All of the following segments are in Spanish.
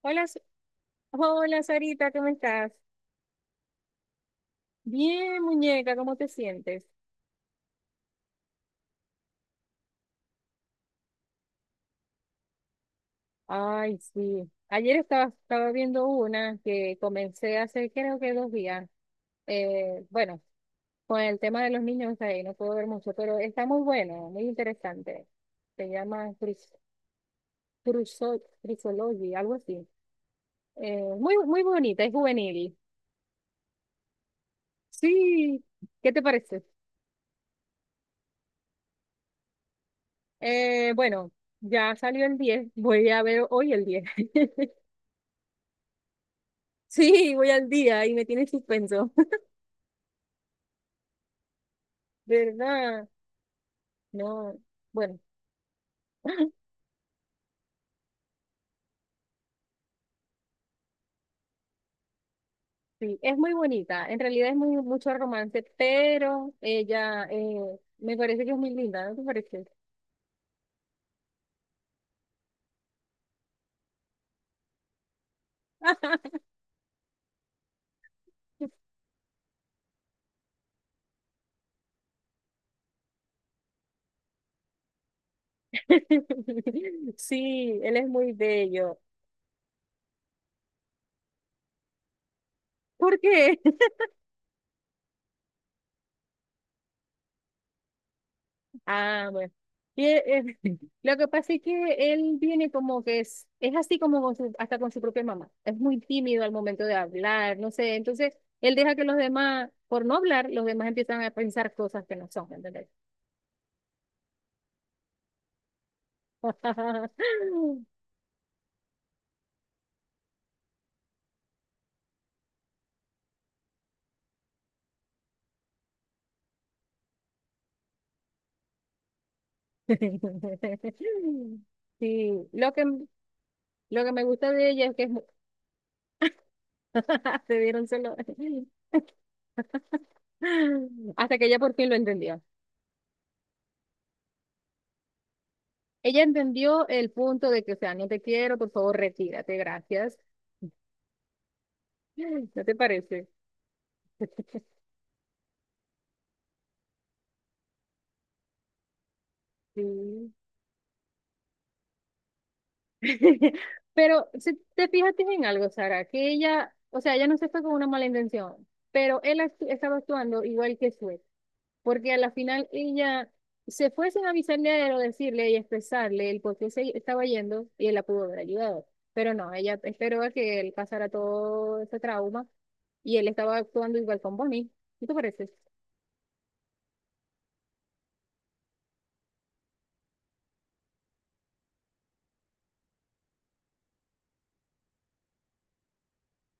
Hola, Sa- hola, Sarita, ¿cómo estás? Bien, muñeca, ¿cómo te sientes? Ay, sí. Ayer estaba viendo una que comencé hace creo que dos días. Bueno, con el tema de los niños ahí, no puedo ver mucho, pero está muy bueno, muy interesante. Se llama Crisology, algo así. Muy, muy bonita, es juvenil. Sí, ¿qué te parece? Bueno, ya salió el 10. Voy a ver hoy el 10. Sí, voy al día y me tiene en suspenso. ¿Verdad? No, bueno, sí, es muy bonita. En realidad es muy, mucho romance, pero ella, me parece que es muy linda, ¿no te parece? Sí, él es muy bello. ¿Por qué? Ah, bueno. Y, eh, Lo que pasa es que él viene como que es así como hasta con su propia mamá. Es muy tímido al momento de hablar, no sé. Entonces, él deja que los demás, por no hablar, los demás empiezan a pensar cosas que no son, ¿entendés? Sí, lo que me gusta de ella es que es mu- se dieron solo. Hasta que ella por fin lo entendió. Ella entendió el punto de que, o sea, no te quiero, por favor, retírate, gracias. ¿No te parece? Sí. Pero si te fijaste en algo, Sara, que ella, o sea, ella no se fue con una mala intención, pero él estaba actuando igual que Sue, porque a la final ella se fue sin avisarle a él o decirle y expresarle el por qué se estaba yendo y él la pudo haber ayudado. Pero no, ella esperó a que él pasara todo ese trauma y él estaba actuando igual con Bonnie. ¿Qué te parece?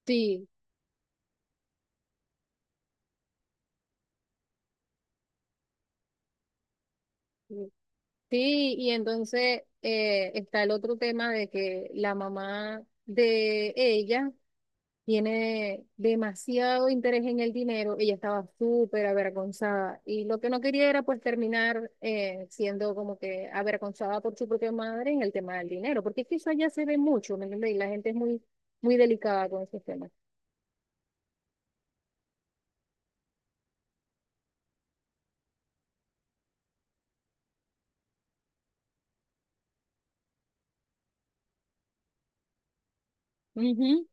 Sí. Sí, y entonces, está el otro tema de que la mamá de ella tiene demasiado interés en el dinero, ella estaba súper avergonzada y lo que no quería era pues terminar, siendo como que avergonzada por su propia madre en el tema del dinero, porque es que eso allá se ve mucho, ¿me entiendes? Y la gente es muy, muy delicada con esos temas. Ujú.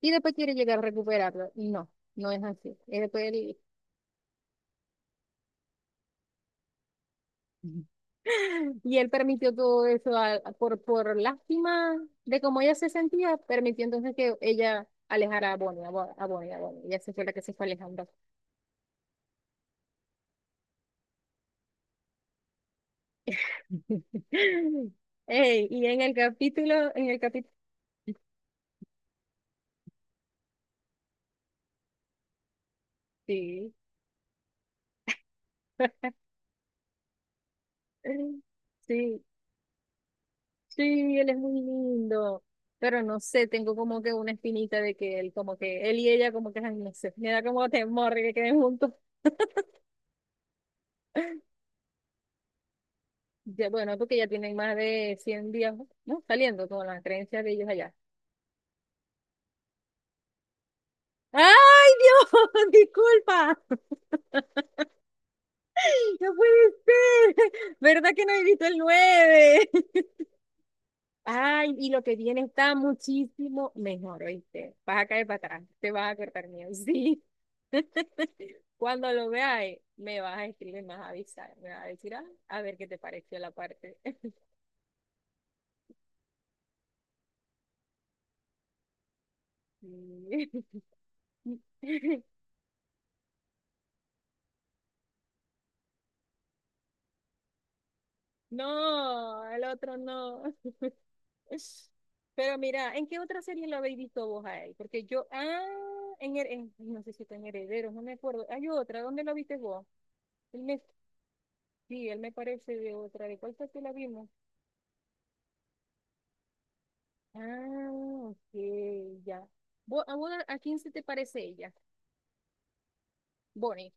Y después quiere llegar a recuperarlo. Y no, no es así. Es después el- Y él permitió todo eso, por lástima de cómo ella se sentía, permitió entonces que ella alejara a Bonnie, a Bo- a Bonnie, a Bonnie. Ella se fue, la que se fue alejando. Ey, y en el capítulo, sí, sí, sí, él es muy lindo, pero no sé, tengo como que una espinita de que él, como que él y ella, como que, ay, no sé, me da como temor de que queden juntos. Ya, bueno, porque ya tienen más de 100 días, ¿no? Saliendo con la creencia de ellos allá. ¡Ay, Dios! Disculpa. No puede ser. ¿Verdad que no he visto el 9? Ay, y lo que viene está muchísimo mejor, ¿oíste? Vas a caer para atrás. Te vas a cortar miedo. Sí. Cuando lo veas, me vas a escribir, me vas a avisar. Me vas a decir, ah, a ver qué te pareció la parte. Sí. No, el otro no. Es- Pero mira, ¿en qué otra serie lo habéis visto vos ahí? Porque yo, no sé si está en Herederos, no me acuerdo. Hay otra, ¿dónde lo viste vos? Él me, sí, él me parece de otra. ¿De cuál fue que la vimos? Ah, ok, ya. ¿A quién se te parece ella? Bonnie.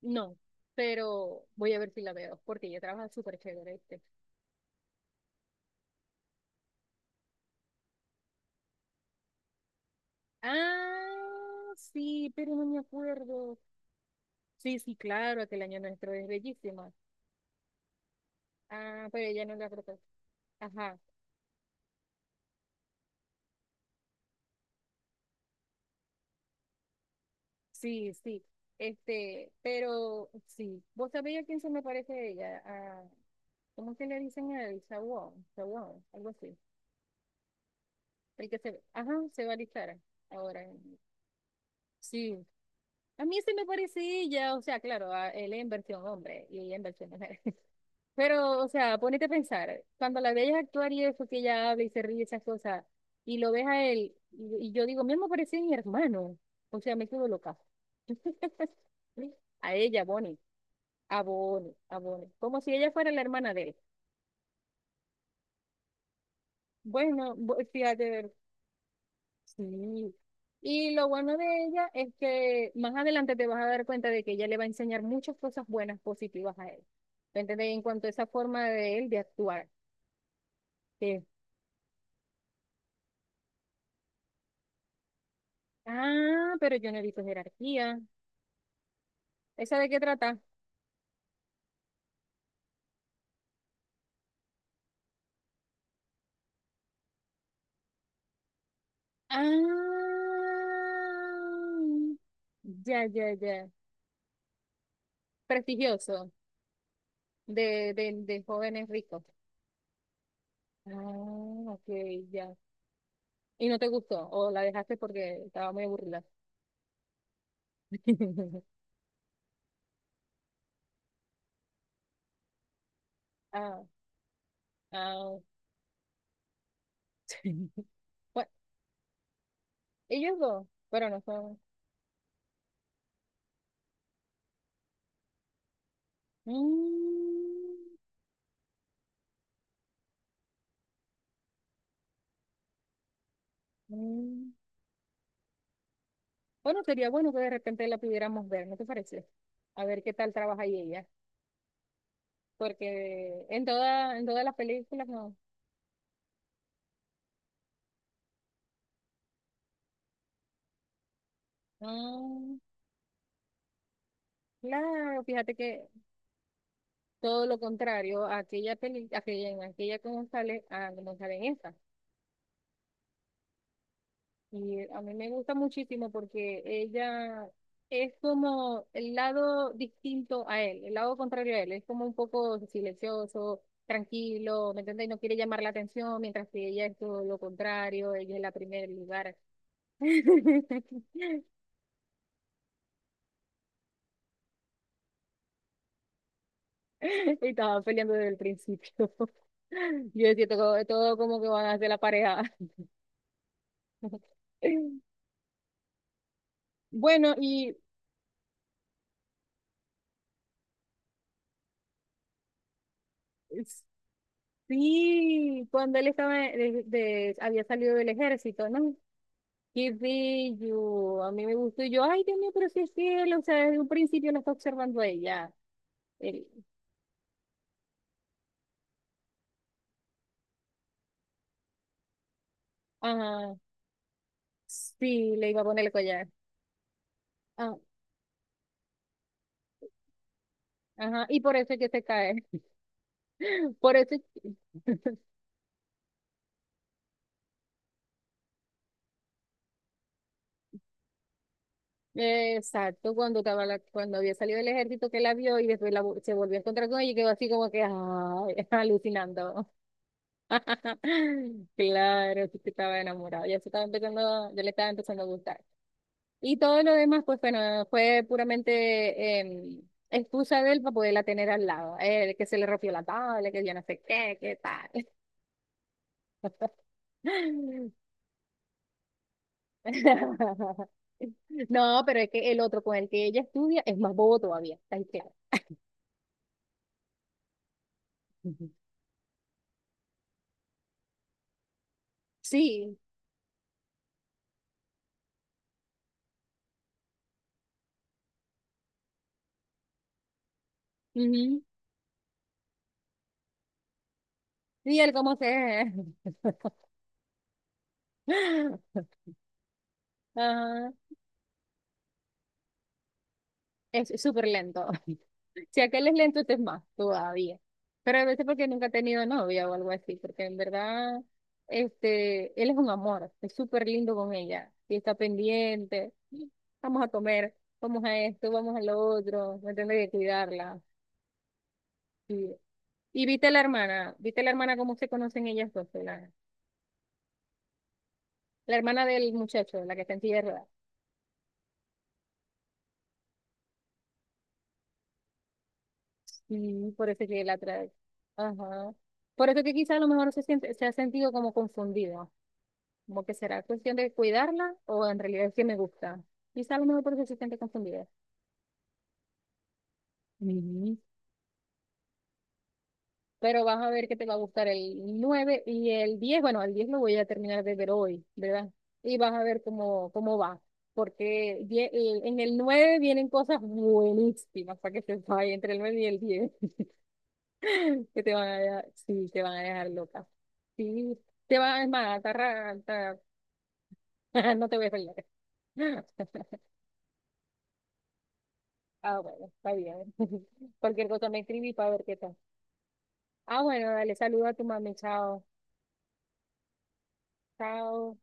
No, pero voy a ver si la veo, porque ella trabaja súper chévere, ¿viste? Ah, sí, pero no me acuerdo. Sí, sí, claro, aquel año nuestro es bellísima. Ah, pero ella no la protagoniza. Ajá. Sí, sí. Este, pero sí. ¿Vos sabéis a quién se me parece ella? ¿Cómo que le dicen a él? Sawón, Sawón, algo así. El que se, ajá, se va a alistar ahora. En- Sí. A mí se me parece ella, o sea, claro, a él en versión hombre y ella en versión mujer. Pero, o sea, ponete a pensar, cuando la veías actuar y eso que ella habla y se ríe y esas cosas, y lo ves a él, y yo digo, mismo parecía mi hermano. O sea, me quedo loca. A ella, Bonnie. Abone abone, como si ella fuera la hermana de él. Bueno, fíjate, sí. Y lo bueno de ella es que más adelante te vas a dar cuenta de que ella le va a enseñar muchas cosas buenas, positivas a él. ¿Me entiendes? En cuanto a esa forma de él de actuar. que, pero yo no he visto Jerarquía. ¿Esa de qué trata? Ah, ya, ya, ya. Prestigioso, de jóvenes ricos. Ah, ok, ya. Y no te gustó, o la dejaste porque estaba muy aburrida. Ah, ah. Bueno, ellos dos, pero no son. Mm, mm. Bueno, sería bueno que de repente la pudiéramos ver, ¿no te parece? A ver qué tal trabaja ahí ella, porque en todas las películas no. Mm, claro, fíjate que todo lo contrario a aquella peli, aquella, en aquella como sale, a como sale en esta. Y a mí me gusta muchísimo porque ella es como el lado distinto a él, el lado contrario a él. Es como un poco silencioso, tranquilo, ¿me entiendes? Y no quiere llamar la atención, mientras que ella es todo lo contrario, ella es la primera en lugar. Y estaban peleando desde el principio. Yo decía, todo, todo como que van a hacer la pareja. Bueno, y sí, cuando él estaba, había salido del ejército, ¿no? Qué bello, a mí me gustó. Y yo, ay, Dios mío, pero si es él, o sea, desde un principio lo está observando a ella. Él, ajá, sí, le iba a poner el collar. Ah, ajá, y por eso es que se cae. Por eso, es que- exacto, cuando estaba cuando había salido del ejército que la vio y después la, se volvió a encontrar con ella y quedó así como que, ay, alucinando. Claro, sí que estaba enamorado, ya le estaba empezando a gustar. Y todo lo demás, pues bueno, fue puramente, excusa de él para poderla tener al lado. Que se le rompió la tabla, que yo no sé qué, qué tal. No, pero es que el otro con el que ella estudia es más bobo todavía, está ahí claro. Ujú. Sí, ujú. Y él cómo se... Ajá. Es súper lento. Si aquel es lento, este es más todavía. Pero a veces porque nunca ha tenido novia o algo así, porque en verdad, él es un amor, es súper lindo con ella y está pendiente. Vamos a comer, vamos a esto, vamos a lo otro, me tendré que cuidarla. Y, y viste la hermana, cómo se conocen ellas dos, la hermana del muchacho, la que está en silla de ruedas. Sí, por eso que la trae. Ajá. Por eso que quizás a lo mejor se ha sentido como confundido. Como que será cuestión de cuidarla o en realidad es que me gusta. Quizá a lo mejor por eso se siente confundida. Mm. Pero vas a ver que te va a gustar el 9 y el 10. Bueno, el 10 lo voy a terminar de ver hoy, ¿verdad? Y vas a ver cómo va. Porque en el 9 vienen cosas buenísimas para que se vaya entre el 9 y el 10. Que te van a dejar, sí, te van a dejar loca. Sí, te van a, es más, te arran- te- no te voy a pelear. Ah, bueno, está bien. Cualquier cosa me escribí para ver qué tal. Ah, bueno, dale, saluda a tu mami. Chao. Chao.